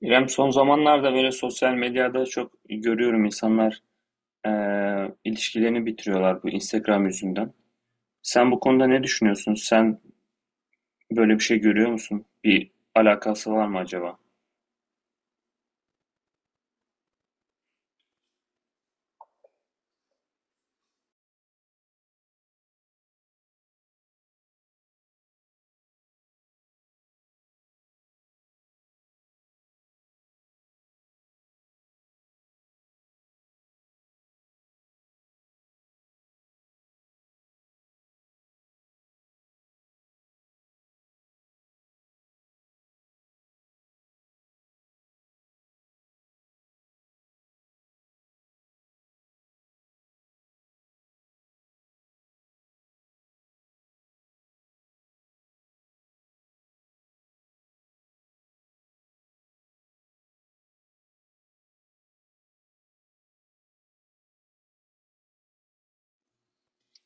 İrem, son zamanlarda böyle sosyal medyada çok görüyorum insanlar ilişkilerini bitiriyorlar bu Instagram yüzünden. Sen bu konuda ne düşünüyorsun? Sen böyle bir şey görüyor musun? Bir alakası var mı acaba?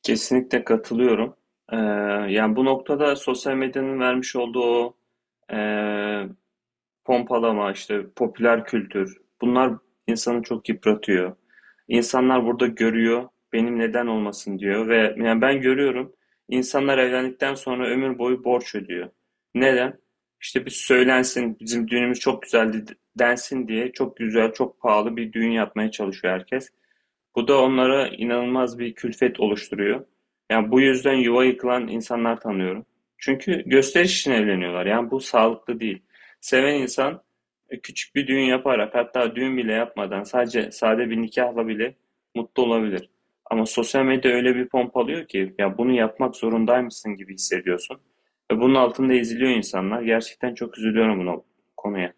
Kesinlikle katılıyorum. Eee, Yani bu noktada sosyal medyanın vermiş olduğu o pompalama, işte popüler kültür, bunlar insanı çok yıpratıyor. İnsanlar burada görüyor, benim neden olmasın diyor ve yani ben görüyorum, insanlar evlendikten sonra ömür boyu borç ödüyor. Neden? İşte bir söylensin, bizim düğünümüz çok güzeldi densin diye çok güzel, çok pahalı bir düğün yapmaya çalışıyor herkes. Bu da onlara inanılmaz bir külfet oluşturuyor. Yani bu yüzden yuva yıkılan insanlar tanıyorum. Çünkü gösteriş için evleniyorlar. Yani bu sağlıklı değil. Seven insan küçük bir düğün yaparak hatta düğün bile yapmadan sadece sade bir nikahla bile mutlu olabilir. Ama sosyal medya öyle bir pompalıyor ki ya bunu yapmak zorundaymışsın gibi hissediyorsun. Ve bunun altında eziliyor insanlar. Gerçekten çok üzülüyorum buna konuya.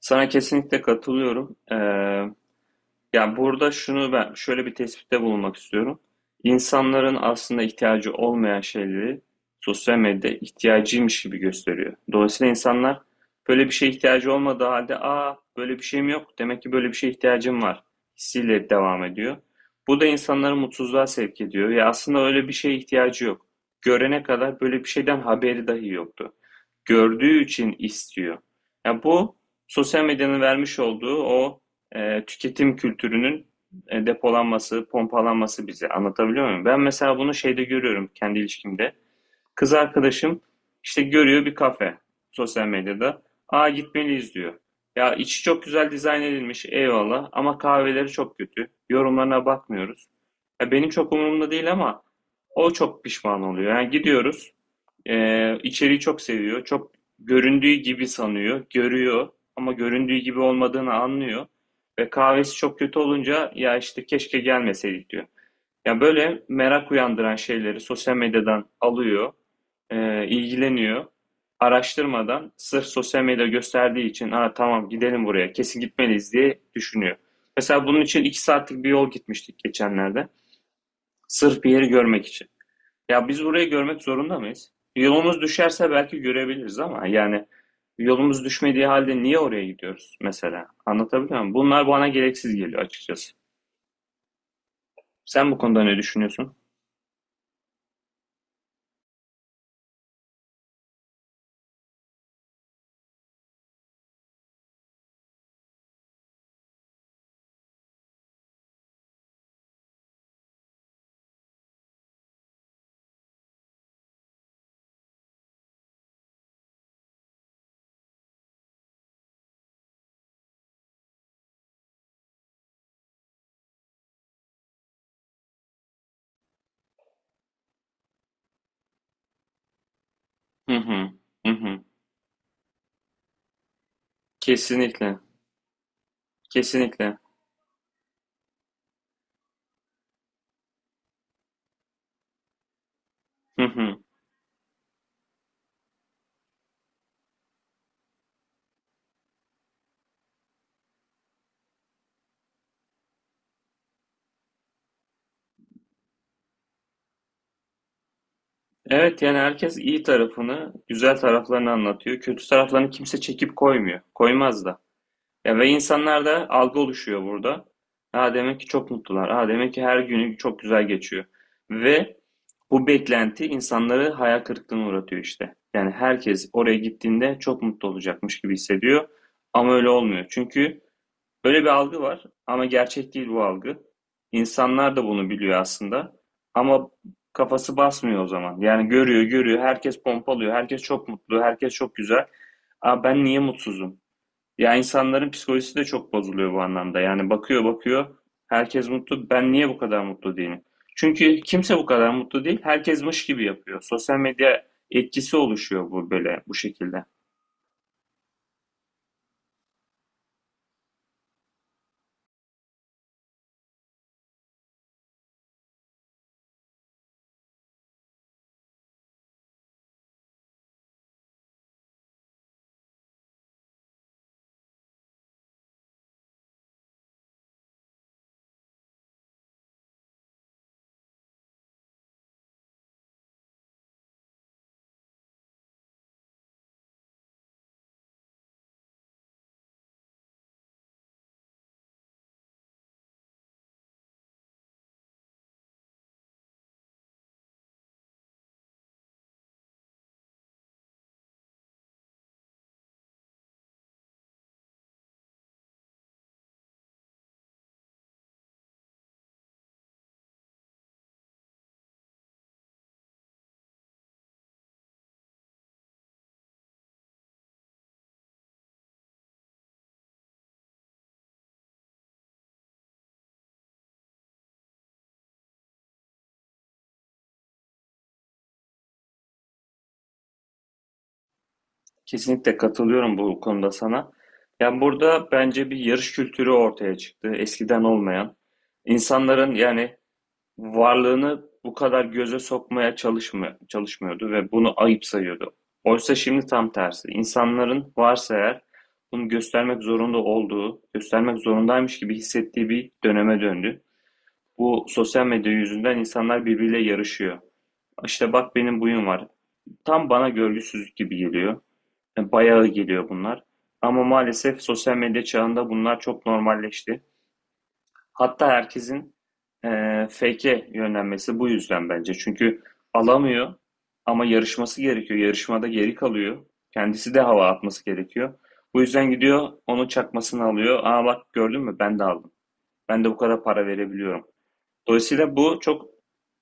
Sana kesinlikle katılıyorum. Ya burada şunu ben şöyle bir tespitte bulunmak istiyorum. İnsanların aslında ihtiyacı olmayan şeyleri sosyal medyada ihtiyacıymış gibi gösteriyor. Dolayısıyla insanlar böyle bir şeye ihtiyacı olmadığı halde aa böyle bir şeyim yok demek ki böyle bir şeye ihtiyacım var hissiyle devam ediyor. Bu da insanları mutsuzluğa sevk ediyor. Ya aslında öyle bir şeye ihtiyacı yok. Görene kadar böyle bir şeyden haberi dahi yoktu, gördüğü için istiyor. Ya bu sosyal medyanın vermiş olduğu o tüketim kültürünün depolanması, pompalanması bize. Anlatabiliyor muyum? Ben mesela bunu şeyde görüyorum kendi ilişkimde. Kız arkadaşım işte görüyor bir kafe sosyal medyada. Aa, gitmeliyiz diyor. Ya içi çok güzel dizayn edilmiş, eyvallah, ama kahveleri çok kötü. Yorumlarına bakmıyoruz. Ya benim çok umurumda değil ama o çok pişman oluyor. Yani gidiyoruz, içeriği çok seviyor. Çok göründüğü gibi sanıyor, görüyor ama göründüğü gibi olmadığını anlıyor. Ve kahvesi çok kötü olunca ya işte keşke gelmeseydik diyor. Ya böyle merak uyandıran şeyleri sosyal medyadan alıyor, ilgileniyor. Araştırmadan sırf sosyal medya gösterdiği için aa, tamam gidelim buraya, kesin gitmeliyiz diye düşünüyor. Mesela bunun için iki saatlik bir yol gitmiştik geçenlerde. Sırf bir yeri görmek için. Ya biz burayı görmek zorunda mıyız? Yolumuz düşerse belki görebiliriz ama yani yolumuz düşmediği halde niye oraya gidiyoruz mesela? Anlatabiliyor muyum? Bunlar bana gereksiz geliyor açıkçası. Sen bu konuda ne düşünüyorsun? Hı hı. Hı hı. Kesinlikle. Kesinlikle. Hı hı. Evet, yani herkes iyi tarafını, güzel taraflarını anlatıyor. Kötü taraflarını kimse çekip koymuyor. Koymaz da. Ya, ve insanlarda algı oluşuyor burada. Ha demek ki çok mutlular. Ha demek ki her günü çok güzel geçiyor. Ve bu beklenti insanları hayal kırıklığına uğratıyor işte. Yani herkes oraya gittiğinde çok mutlu olacakmış gibi hissediyor. Ama öyle olmuyor. Çünkü böyle bir algı var ama gerçek değil bu algı. İnsanlar da bunu biliyor aslında. Ama kafası basmıyor o zaman. Yani görüyor, görüyor. Herkes pompalıyor. Herkes çok mutlu. Herkes çok güzel. Aa, ben niye mutsuzum? Ya insanların psikolojisi de çok bozuluyor bu anlamda. Yani bakıyor bakıyor, herkes mutlu. Ben niye bu kadar mutlu değilim? Çünkü kimse bu kadar mutlu değil. Herkes mış gibi yapıyor. Sosyal medya etkisi oluşuyor bu böyle bu şekilde. Kesinlikle katılıyorum bu konuda sana. Yani burada bence bir yarış kültürü ortaya çıktı. Eskiden olmayan. İnsanların yani varlığını bu kadar göze sokmaya çalışmıyordu ve bunu ayıp sayıyordu. Oysa şimdi tam tersi. İnsanların varsa eğer bunu göstermek zorunda olduğu, göstermek zorundaymış gibi hissettiği bir döneme döndü. Bu sosyal medya yüzünden insanlar birbiriyle yarışıyor. İşte bak benim buyum var. Tam bana görgüsüzlük gibi geliyor. Yani bayağı geliyor bunlar. Ama maalesef sosyal medya çağında bunlar çok normalleşti. Hatta herkesin fake'e yönlenmesi bu yüzden bence. Çünkü alamıyor ama yarışması gerekiyor. Yarışmada geri kalıyor. Kendisi de hava atması gerekiyor. Bu yüzden gidiyor onun çakmasını alıyor. Aa bak gördün mü, ben de aldım. Ben de bu kadar para verebiliyorum. Dolayısıyla bu çok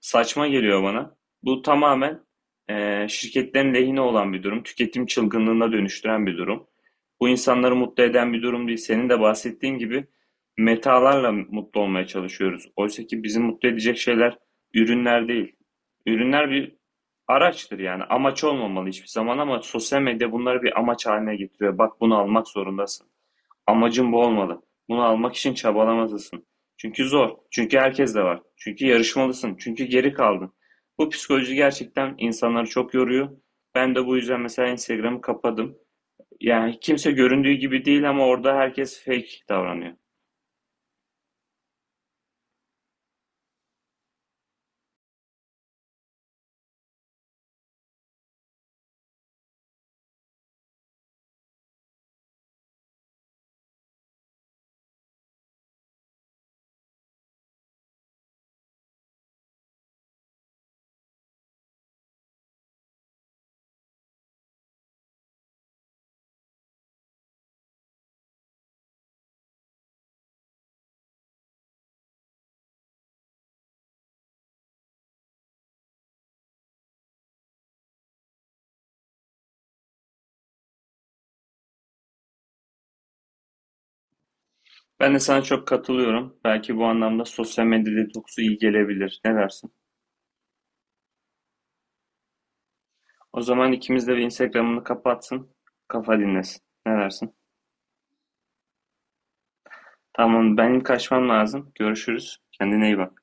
saçma geliyor bana. Bu tamamen şirketlerin lehine olan bir durum. Tüketim çılgınlığına dönüştüren bir durum. Bu insanları mutlu eden bir durum değil. Senin de bahsettiğin gibi metalarla mutlu olmaya çalışıyoruz. Oysa ki bizi mutlu edecek şeyler ürünler değil. Ürünler bir araçtır yani. Amaç olmamalı hiçbir zaman ama sosyal medya bunları bir amaç haline getiriyor. Bak bunu almak zorundasın. Amacın bu olmalı. Bunu almak için çabalamalısın. Çünkü zor. Çünkü herkes de var. Çünkü yarışmalısın. Çünkü geri kaldın. Bu psikoloji gerçekten insanları çok yoruyor. Ben de bu yüzden mesela Instagram'ı kapadım. Yani kimse göründüğü gibi değil ama orada herkes fake davranıyor. Ben de sana çok katılıyorum. Belki bu anlamda sosyal medya detoksu iyi gelebilir. Ne dersin? O zaman ikimiz de bir Instagram'ını kapatsın. Kafa dinlesin. Ne dersin? Tamam, benim kaçmam lazım. Görüşürüz. Kendine iyi bak.